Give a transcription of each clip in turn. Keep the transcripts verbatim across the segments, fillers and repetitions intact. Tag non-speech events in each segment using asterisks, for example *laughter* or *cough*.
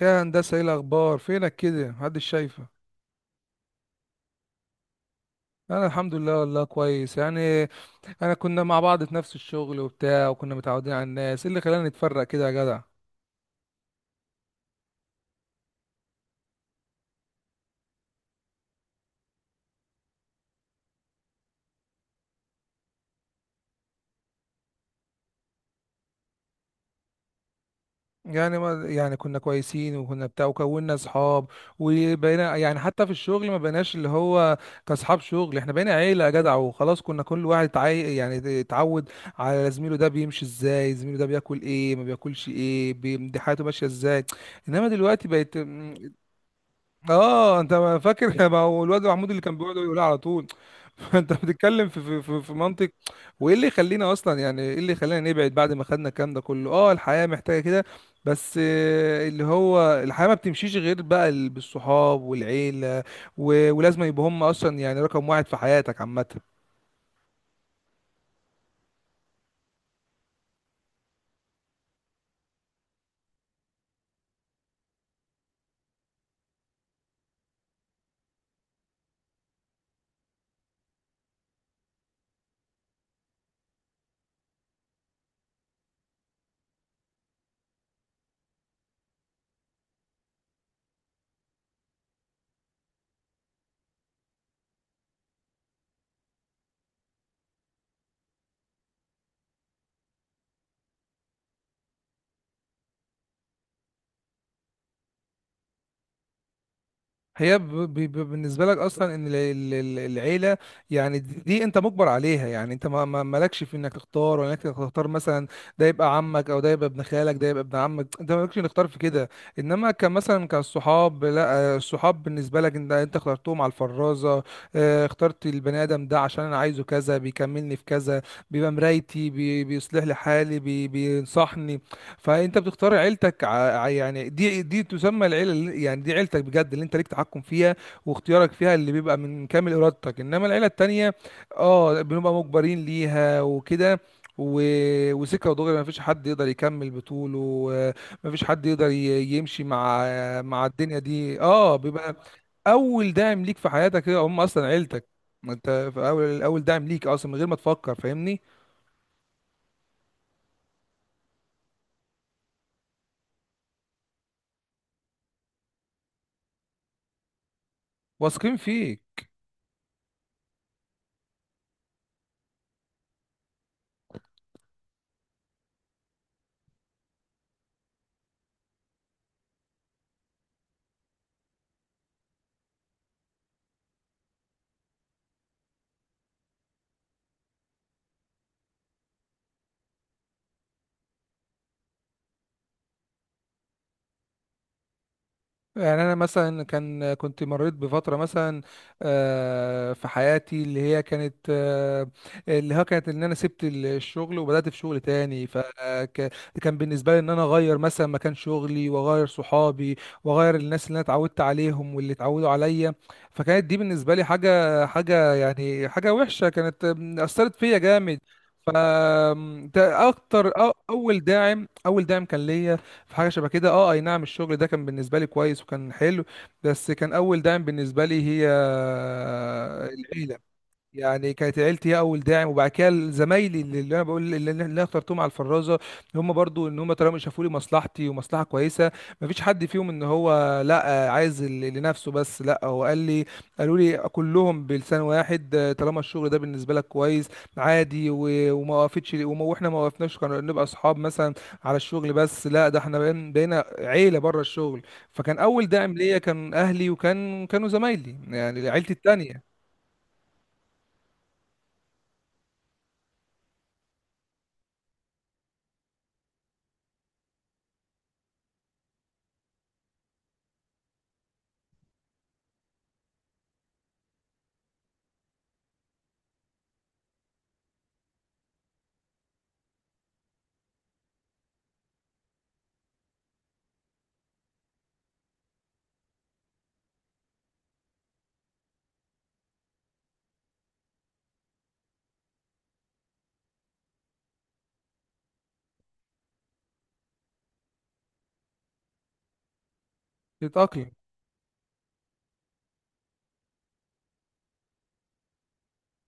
يا هندسة، ايه الأخبار؟ فينك كده؟ محدش شايفة. أنا الحمد لله والله كويس يعني. أنا كنا مع بعض في نفس الشغل وبتاع، وكنا متعودين على الناس. إيه اللي خلانا نتفرق كده يا جدع؟ يعني ما يعني كنا كويسين وكنا بتاع وكونا أصحاب، وبقينا يعني حتى في الشغل ما بقيناش اللي هو كأصحاب شغل، إحنا بقينا عيلة يا جدع. وخلاص كنا كل واحد تعي... يعني اتعود على زميله، ده بيمشي إزاي، زميله ده بياكل إيه، ما بياكلش إيه، بي... دي حياته ماشية إزاي. انما دلوقتي بقت. اه انت ما فاكر؟ *laughs* ما هو الواد محمود اللي كان بيقعد يقول على طول. *laughs* انت بتتكلم في في في في منطق. وايه اللي يخلينا اصلا، يعني ايه اللي يخلينا نبعد بعد ما خدنا الكلام ده كله؟ اه الحياه محتاجه كده. بس آه، اللي هو الحياه ما بتمشيش غير بقى ال- بالصحاب والعيله. و- ولازم يبقوا هم اصلا يعني رقم واحد في حياتك عامه. هي ب- ب- ب- بالنسبة لك أصلا إن ال- ال- ال- العيلة، يعني دي دي أنت مجبر عليها. يعني أنت ما ما- مالكش في إنك تختار، ولا إنك تختار مثلا ده يبقى عمك، أو ده يبقى ابن خالك، ده يبقى ابن عمك. أنت مالكش إنك تختار في كده. إنما كان مثلا كالصحاب، لا آه، الصحاب بالنسبة لك أنت، أنت اخترتهم على الفرازة. آه، اخترت البني آدم ده عشان أنا عايزه كذا، بيكملني في كذا، بيبقى مرايتي، بي- بيصلح لي حالي، بي- بينصحني. فانت بتختار عيلتك ع... ع- يعني دي دي تسمى العيله اللي... يعني دي عيلتك بجد، اللي انت ليك تحكم فيها واختيارك فيها اللي بيبقى من كامل ارادتك. انما العيله التانيه اه بنبقى مجبرين ليها وكده. و... وسكه ودغري، ما فيش حد يقدر يكمل بطوله، ما فيش حد يقدر ي... يمشي مع مع الدنيا دي. اه بيبقى اول داعم ليك في حياتك هي- هم اصلا عيلتك. ما انت في اول، اول داعم ليك اصلا من غير ما تفكر، فاهمني؟ واثقين فيك. يعني انا مثلا كان كنت مريت بفتره مثلا آه، في حياتي اللي هي كانت آه، اللي هو كانت ان انا سبت ال- الشغل وبدات في شغل تاني. فكان بالنسبه لي ان انا اغير مثلا مكان شغلي، واغير صحابي، واغير الناس اللي انا اتعودت عليهم واللي اتعودوا عليا. فكانت دي بالنسبه لي حاجه حاجه يعني حاجه وحشه، كانت آم، اثرت فيا جامد. ف آم، ده اكتر أ- اول داعم اول داعم كان ليا في حاجه شبه كده. اه اي نعم الشغل ده كان بالنسبه لي كويس وكان حلو، بس كان اول داعم بالنسبه لي هي العيله. يعني كانت عيلتي هي اول داعم، وبعد كده زمايلي اللي اللي انا بقول اللي اللي انا اخترتهم على الفرازه. هم برضو ان هم طالما شافوا لي مصلحتي ومصلحه كويسه، ما فيش حد فيهم ان هو لا عايز ال- لنفسه بس، لا هو قال لي قالوا لي كلهم بلسان واحد، آه، طالما الشغل ده بالنسبه لك كويس عادي. و- وما وقفتش، وما واحنا ما وقفناش كنا نبقى اصحاب مثلا على الشغل بس، لا ده احنا بقينا بقينا عيله بره الشغل. فكان اول داعم ليا كان اهلي، وكان كانوا زمايلي يعني عيلتي التانيه. تتأقلم.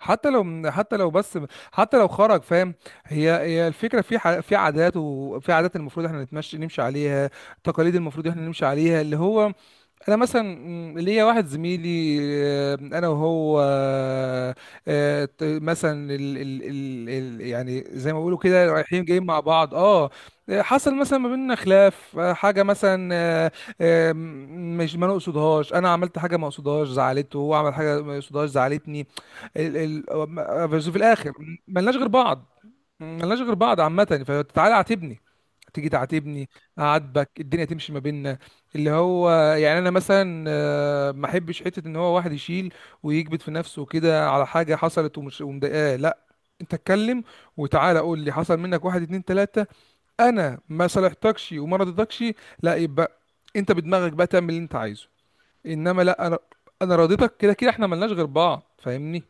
حتى لو، حتى لو، بس حتى لو خرج، فاهم؟ هي هي الفكره في ح- في عادات، وفي عادات المفروض احنا نتمشي نمشي عليها، تقاليد المفروض احنا نمشي عليها اللي هو. انا مثلا م، ليا واحد زميلي، آه، انا وهو آه، آه، ت- مثلا ال ال ال ال يعني زي ما بيقولوا كده رايحين جايين مع بعض اه. آه، حصل مثلا ما بيننا خلاف، آه، حاجه مثلا آه، آه، م- مش ما نقصدهاش، انا عملت حاجه ما اقصدهاش زعلته، هو عمل حاجه ما يقصدهاش زعلتني. ال ال بس في الاخر ملناش غير بعض. ملناش غير بعض عامه، فتعالى اعاتبني، تيجي تعاتبني، اعاتبك، الدنيا تمشي ما بيننا. اللي هو يعني انا مثلا آه، ما احبش حته ان هو واحد يشيل ويكبت في نفسه وكده على حاجه حصلت ومش ومضايقاه. لا، انت اتكلم، وتعالى قول لي حصل منك واحد اتنين تلاته، انا ما صالحتكش وما رضيتكش، لا يبقى انت بدماغك بقى تعمل اللي انت عايزه. انما لا انا انا راضيتك، كده كده احنا ملناش غير بعض، فاهمني؟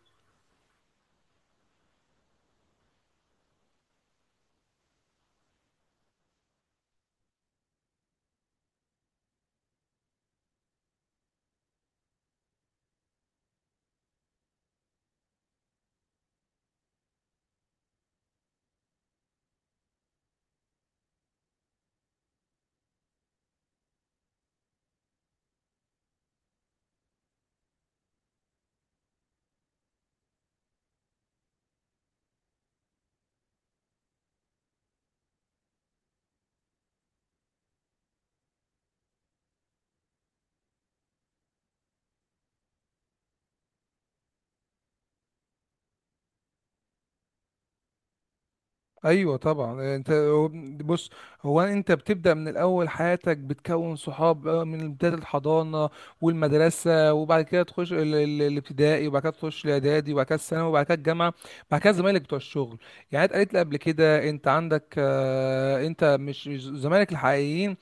ايوه طبعا. انت هو- بص، هو انت بتبدا من الاول، حياتك بتكون صحاب بقى من بدايه الحضانه والمدرسه، وبعد كده تخش ال- ال- الابتدائي، وبعد كده تخش الاعدادي، وبعد كده الثانوي، وبعد كده الجامعه. بعد كده زمايلك بتوع الشغل. يعني انت قالت لي قبل كده انت عندك آه، انت مش مش زمايلك الحقيقيين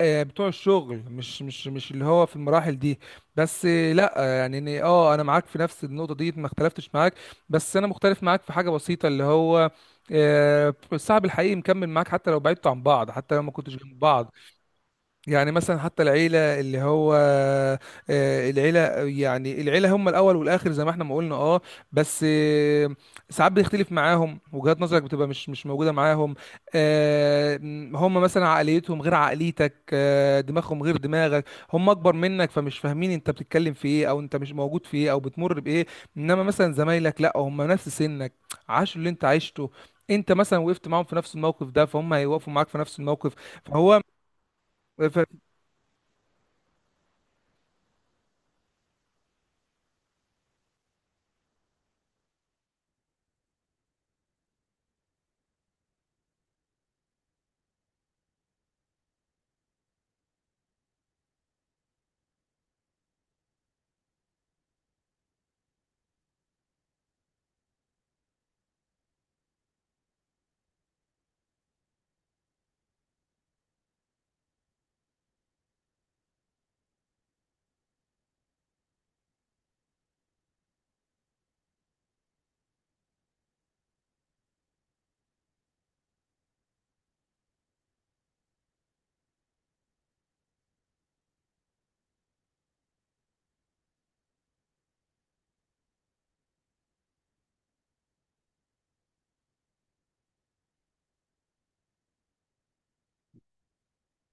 آه، بتوع الشغل، مش مش مش اللي هو في المراحل دي. بس آه، لا آه، يعني إن- اه انا معاك في نفس النقطه دي، ما اختلفتش معاك. بس انا مختلف معاك في حاجه بسيطه اللي هو آه، الصاحب الحقيقي مكمل معاك حتى لو بعدتوا عن بعض، حتى لو ما كنتوش جنب بعض. يعني مثلا حتى العيلة اللي هو آه، العيلة يعني العيلة هم الأول والآخر زي ما احنا ما قلنا اه. بس آه، ساعات بيختلف معاهم وجهات نظرك، بتبقى مش مش موجودة معاهم آه، هم مثلا عقليتهم غير عقليتك، آه، دماغهم غير دماغك، هم أكبر منك، فمش فاهمين أنت بتتكلم في إيه، أو أنت مش موجود في إيه، أو بتمر بإيه. إنما مثلا زمايلك لأ، هم نفس سنك، عاشوا اللي أنت عشته، أنت مثلا وقفت معاهم في نفس الموقف ده فهم هيوقفوا معاك في نفس الموقف. فهو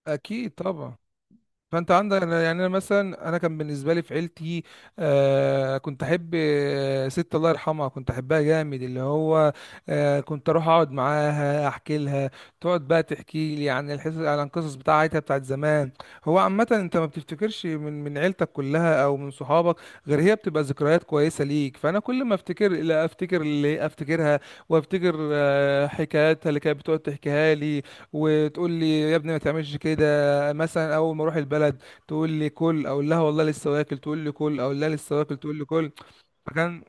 اكيد طبعا. فانت عندك أنا- يعني انا مثلا انا كان بالنسبه لي في عيلتي آه كنت احب آه ست الله يرحمها كنت احبها جامد اللي هو. آه كنت اروح اقعد معاها احكي لها، تقعد بقى تحكي لي عن الحس، عن القصص بتاعتها بتاعت زمان. هو عامه انت ما بتفتكرش من من عيلتك كلها او من صحابك غير هي، بتبقى ذكريات كويسه ليك. فانا كل ما افتكر، لا افتكر اللي افتكرها، وافتكر آه حكاياتها اللي كانت بتقعد تحكيها لي، وتقول لي يا ابني ما تعملش كده. مثلا اول ما اروح البلد تقول لي كل، اقول لها والله لسه واكل، تقول لي كل، اقول لها لسه واكل، تقول لي كل. فكان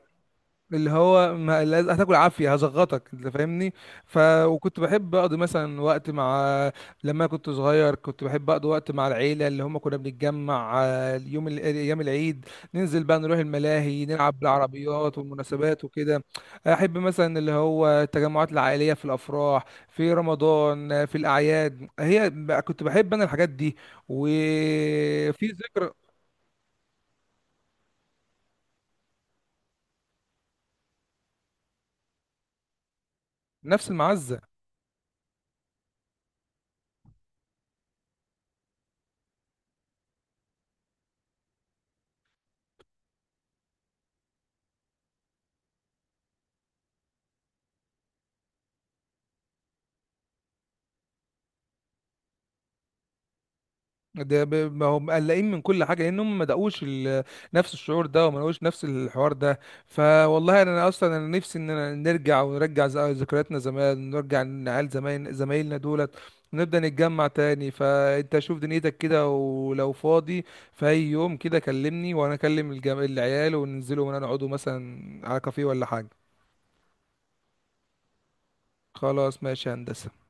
اللي هو ما لاز- هتاكل عافيه، هزغطك، انت فاهمني؟ ف وكنت بحب اقضي مثلا وقت مع، لما كنت صغير كنت بحب اقضي وقت مع العيله اللي هم كنا بنتجمع آه، اليوم ال- ايام العيد، ننزل بقى نروح الملاهي، نلعب بالعربيات، والمناسبات وكده. احب مثلا اللي هو التجمعات العائليه، في الافراح، في رمضان آه، في الاعياد. هي ب- كنت بحب انا الحاجات دي وفي ذكرى. نفس المعزه. ده ب- ما هم مقلقين من كل حاجه لان هم ما دقوش ال- نفس الشعور ده، وما دقوش نفس الحوار ده. فوالله انا، أنا اصلا انا نفسي اننا نرجع، ونرجع ز- ذكرياتنا زمان، ونرجع نعال زمان زمايلنا دولت، ونبدا نتجمع تاني. فانت شوف دنيتك كده، ولو فاضي في اي يوم كده كلمني، وانا اكلم الجم... العيال، وننزلوا ونقعدوا مثلا على كافيه ولا حاجه. خلاص ماشي يا هندسه.